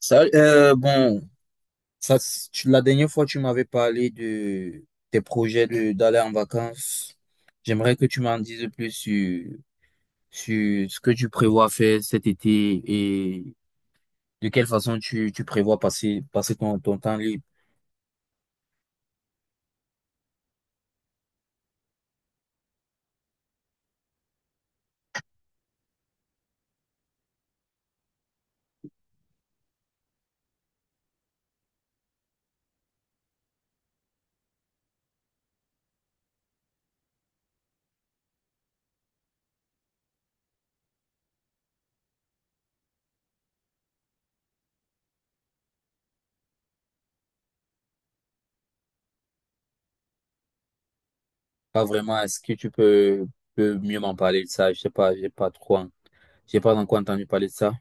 Ça, bon, la dernière fois, tu m'avais parlé de tes d'aller en vacances. J'aimerais que tu m'en dises plus sur ce que tu prévois faire cet été et de quelle façon tu prévois passer ton temps libre. Pas vraiment, est-ce que peux mieux m'en parler de ça? Je sais pas, j'ai pas j'ai pas encore entendu parler de ça.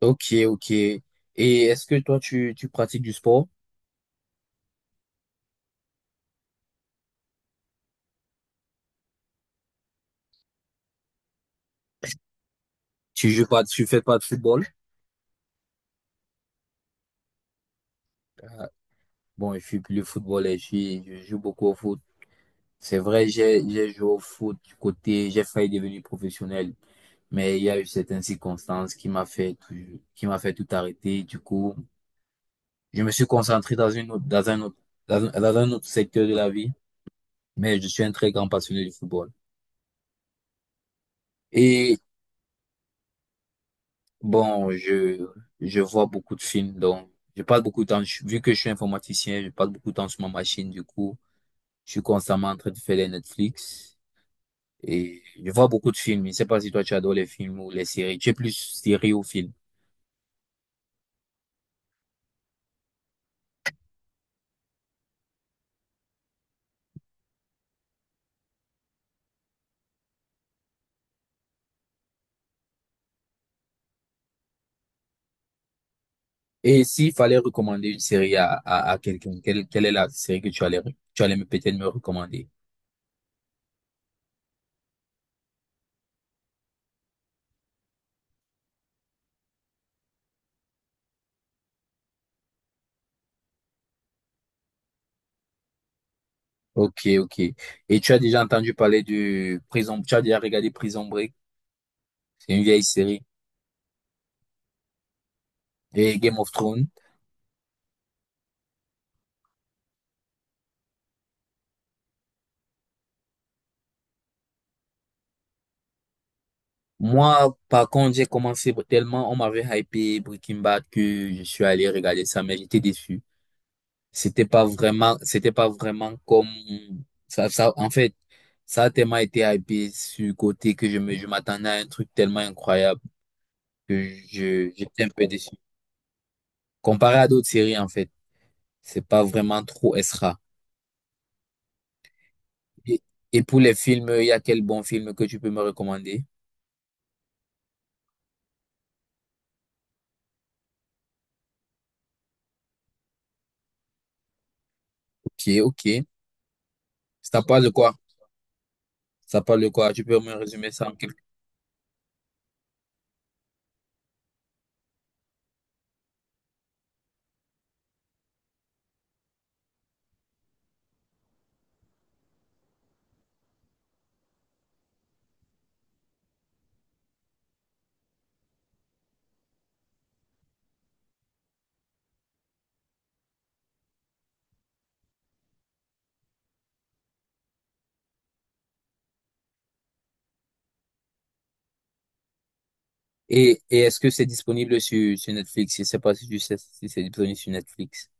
Ok, ok. Et est-ce que tu pratiques du sport? Tu joues pas, tu fais pas de football? Ah, Bon, je suis plus le football et je joue beaucoup au foot. C'est vrai, j'ai joué au foot du côté, j'ai failli devenir professionnel, mais il y a eu certaines circonstances qui m'a qui m'a fait tout arrêter. Du coup, je me suis concentré dans dans un autre secteur de la vie, mais je suis un très grand passionné du football. Et bon, je vois beaucoup de films, donc je passe beaucoup de vu que je suis informaticien, je passe beaucoup de temps sur ma machine. Du coup, je suis constamment en train de faire les Netflix et je vois beaucoup de films. Je ne sais pas si toi tu adores les films ou les séries, tu es plus série ou film. Et s'il fallait recommander une série à quelqu'un, quelle est la série que tu allais, re- tu allais me- peut-être me recommander? Ok, ok. Et tu as déjà entendu parler de Prison, tu as déjà regardé Prison Break, c'est une vieille série, et Game of Thrones. Moi, par contre, j'ai commencé tellement, on m'avait hypé Breaking Bad que je suis allé regarder ça, mais j'étais déçu. C'était pas vraiment comme en fait, ça a tellement été hypé sur le côté que je m'attendais à un truc tellement incroyable que j'étais un peu déçu. Comparé à d'autres séries, en fait, c'est pas vraiment trop extra. Et, et pour les films, il y a quel bon film que tu peux me recommander? Ok, ok. Ça parle de quoi? Ça parle de quoi? Tu peux me résumer ça en quelques. Et est-ce que c'est disponible sur Netflix? Je sais pas si tu sais si c'est disponible sur Netflix.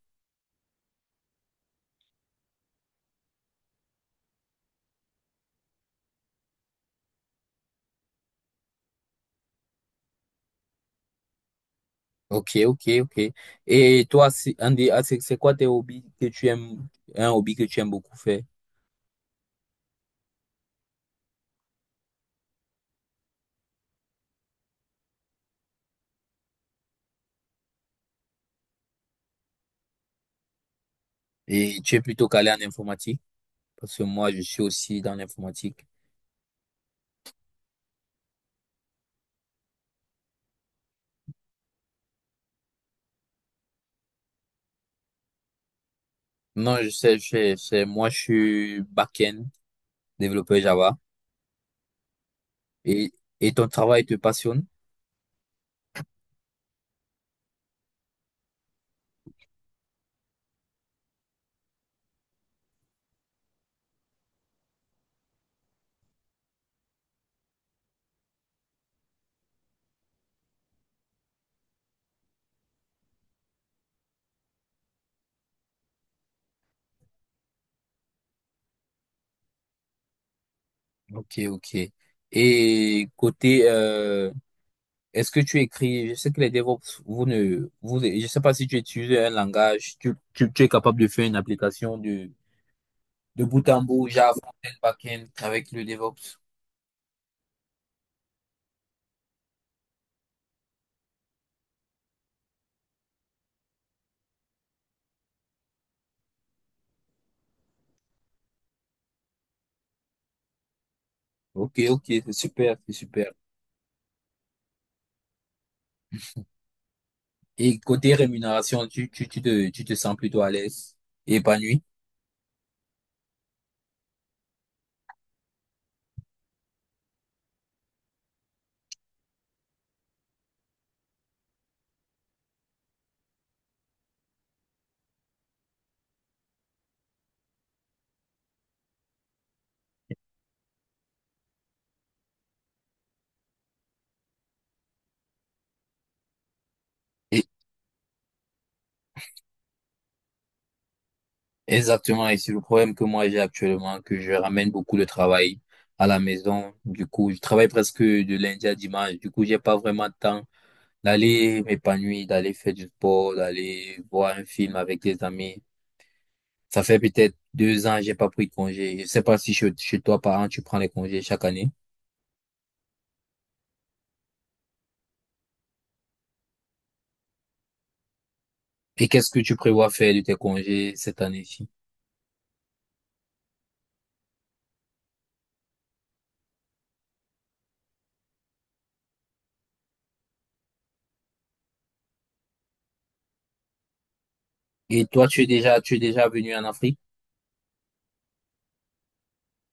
Ok, ok, ok. Et toi, si- Andy, ah, c'est quoi tes hobbies que tu aimes, un hobby que tu aimes beaucoup faire? Et tu es plutôt calé en informatique? Parce que moi, je suis aussi dans l'informatique. Non, je sais, je sais, je sais. Moi, je suis back-end, développeur Java. Et, et ton travail te passionne? Ok, ok. Et est-ce que tu écris, je sais que les DevOps, vous ne, vous, je sais pas si tu utilises un langage, tu es capable de faire une application de bout en bout, Java, front-end, back-end, avec le DevOps. Ok, ok, c'est super, c'est super. Et côté rémunération, tu te sens plutôt à l'aise et épanoui. Et, exactement, et c'est le problème que moi j'ai actuellement, que je ramène beaucoup de travail à la maison. Du coup, je travaille presque de lundi à dimanche. Du coup, j'ai pas vraiment de temps d'aller m'épanouir, d'aller faire du sport, d'aller voir un film avec des amis. Ça fait peut-être deux ans, j'ai pas pris de congé. Je sais pas si chez toi, parents, tu prends les congés chaque année. Et qu'est-ce que tu prévois faire de tes congés cette année-ci? Et toi, tu es déjà venu en Afrique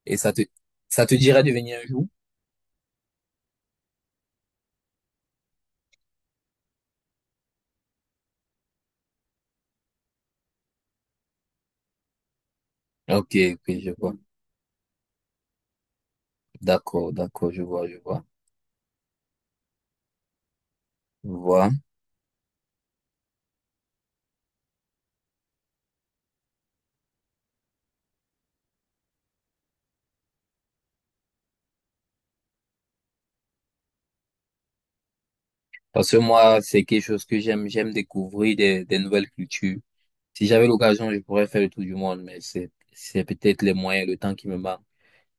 et ça te dirait de venir un jour? Ok, ok, je vois. D'accord, d'accord, je vois, je vois. Je vois. Parce que moi, c'est quelque chose que j'aime découvrir des nouvelles cultures. Si j'avais l'occasion, je pourrais faire le tour du monde, mais c'est peut-être les moyens, le temps qui me manque.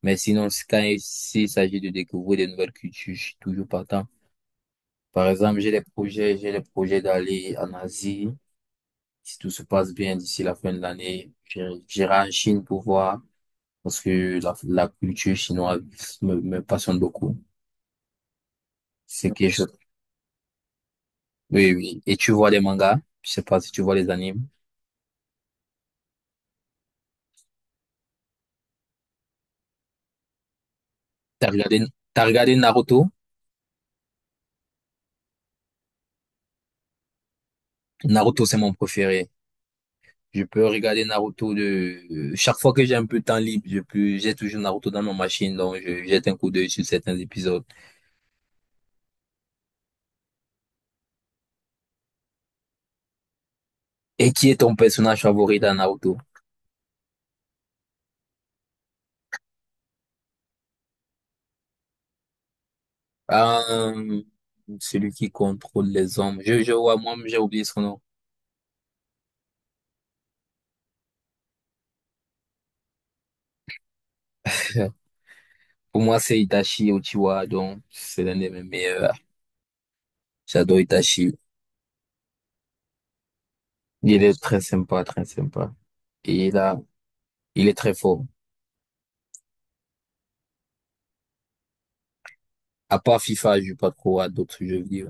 Mais sinon, quand il s'agit de découvrir des nouvelles cultures, je suis toujours partant. Par exemple, j'ai des projets d'aller en Asie. Si tout se passe bien d'ici la fin de l'année, j'irai en Chine pour voir, parce que la culture chinoise me passionne beaucoup. C'est quelque chose. Oui, oui. Et tu vois des mangas? Je sais pas si tu vois les animes. T'as regardé, t'as regardé Naruto? Naruto, c'est mon préféré. Je peux regarder Naruto de... Chaque fois que j'ai un peu de temps libre, je peux... j'ai toujours Naruto dans ma machine, donc je jette un coup d'œil sur certains épisodes. Et qui est ton personnage favori dans Naruto? Euh, Celui qui contrôle les hommes. Je vois, moi, j'ai oublié son nom. Pour moi, c'est Itachi Uchiwa, donc c'est l'un de mes meilleurs. J'adore Itachi. Il est très sympa, très sympa. Et là, il est très fort. À part FIFA, je joue pas trop à d'autres jeux vidéo.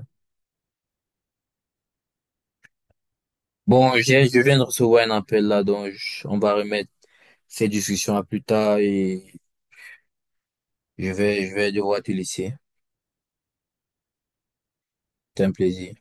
Je viens de recevoir un appel là, on va remettre cette discussion à plus tard et je vais devoir te laisser. C'est un plaisir.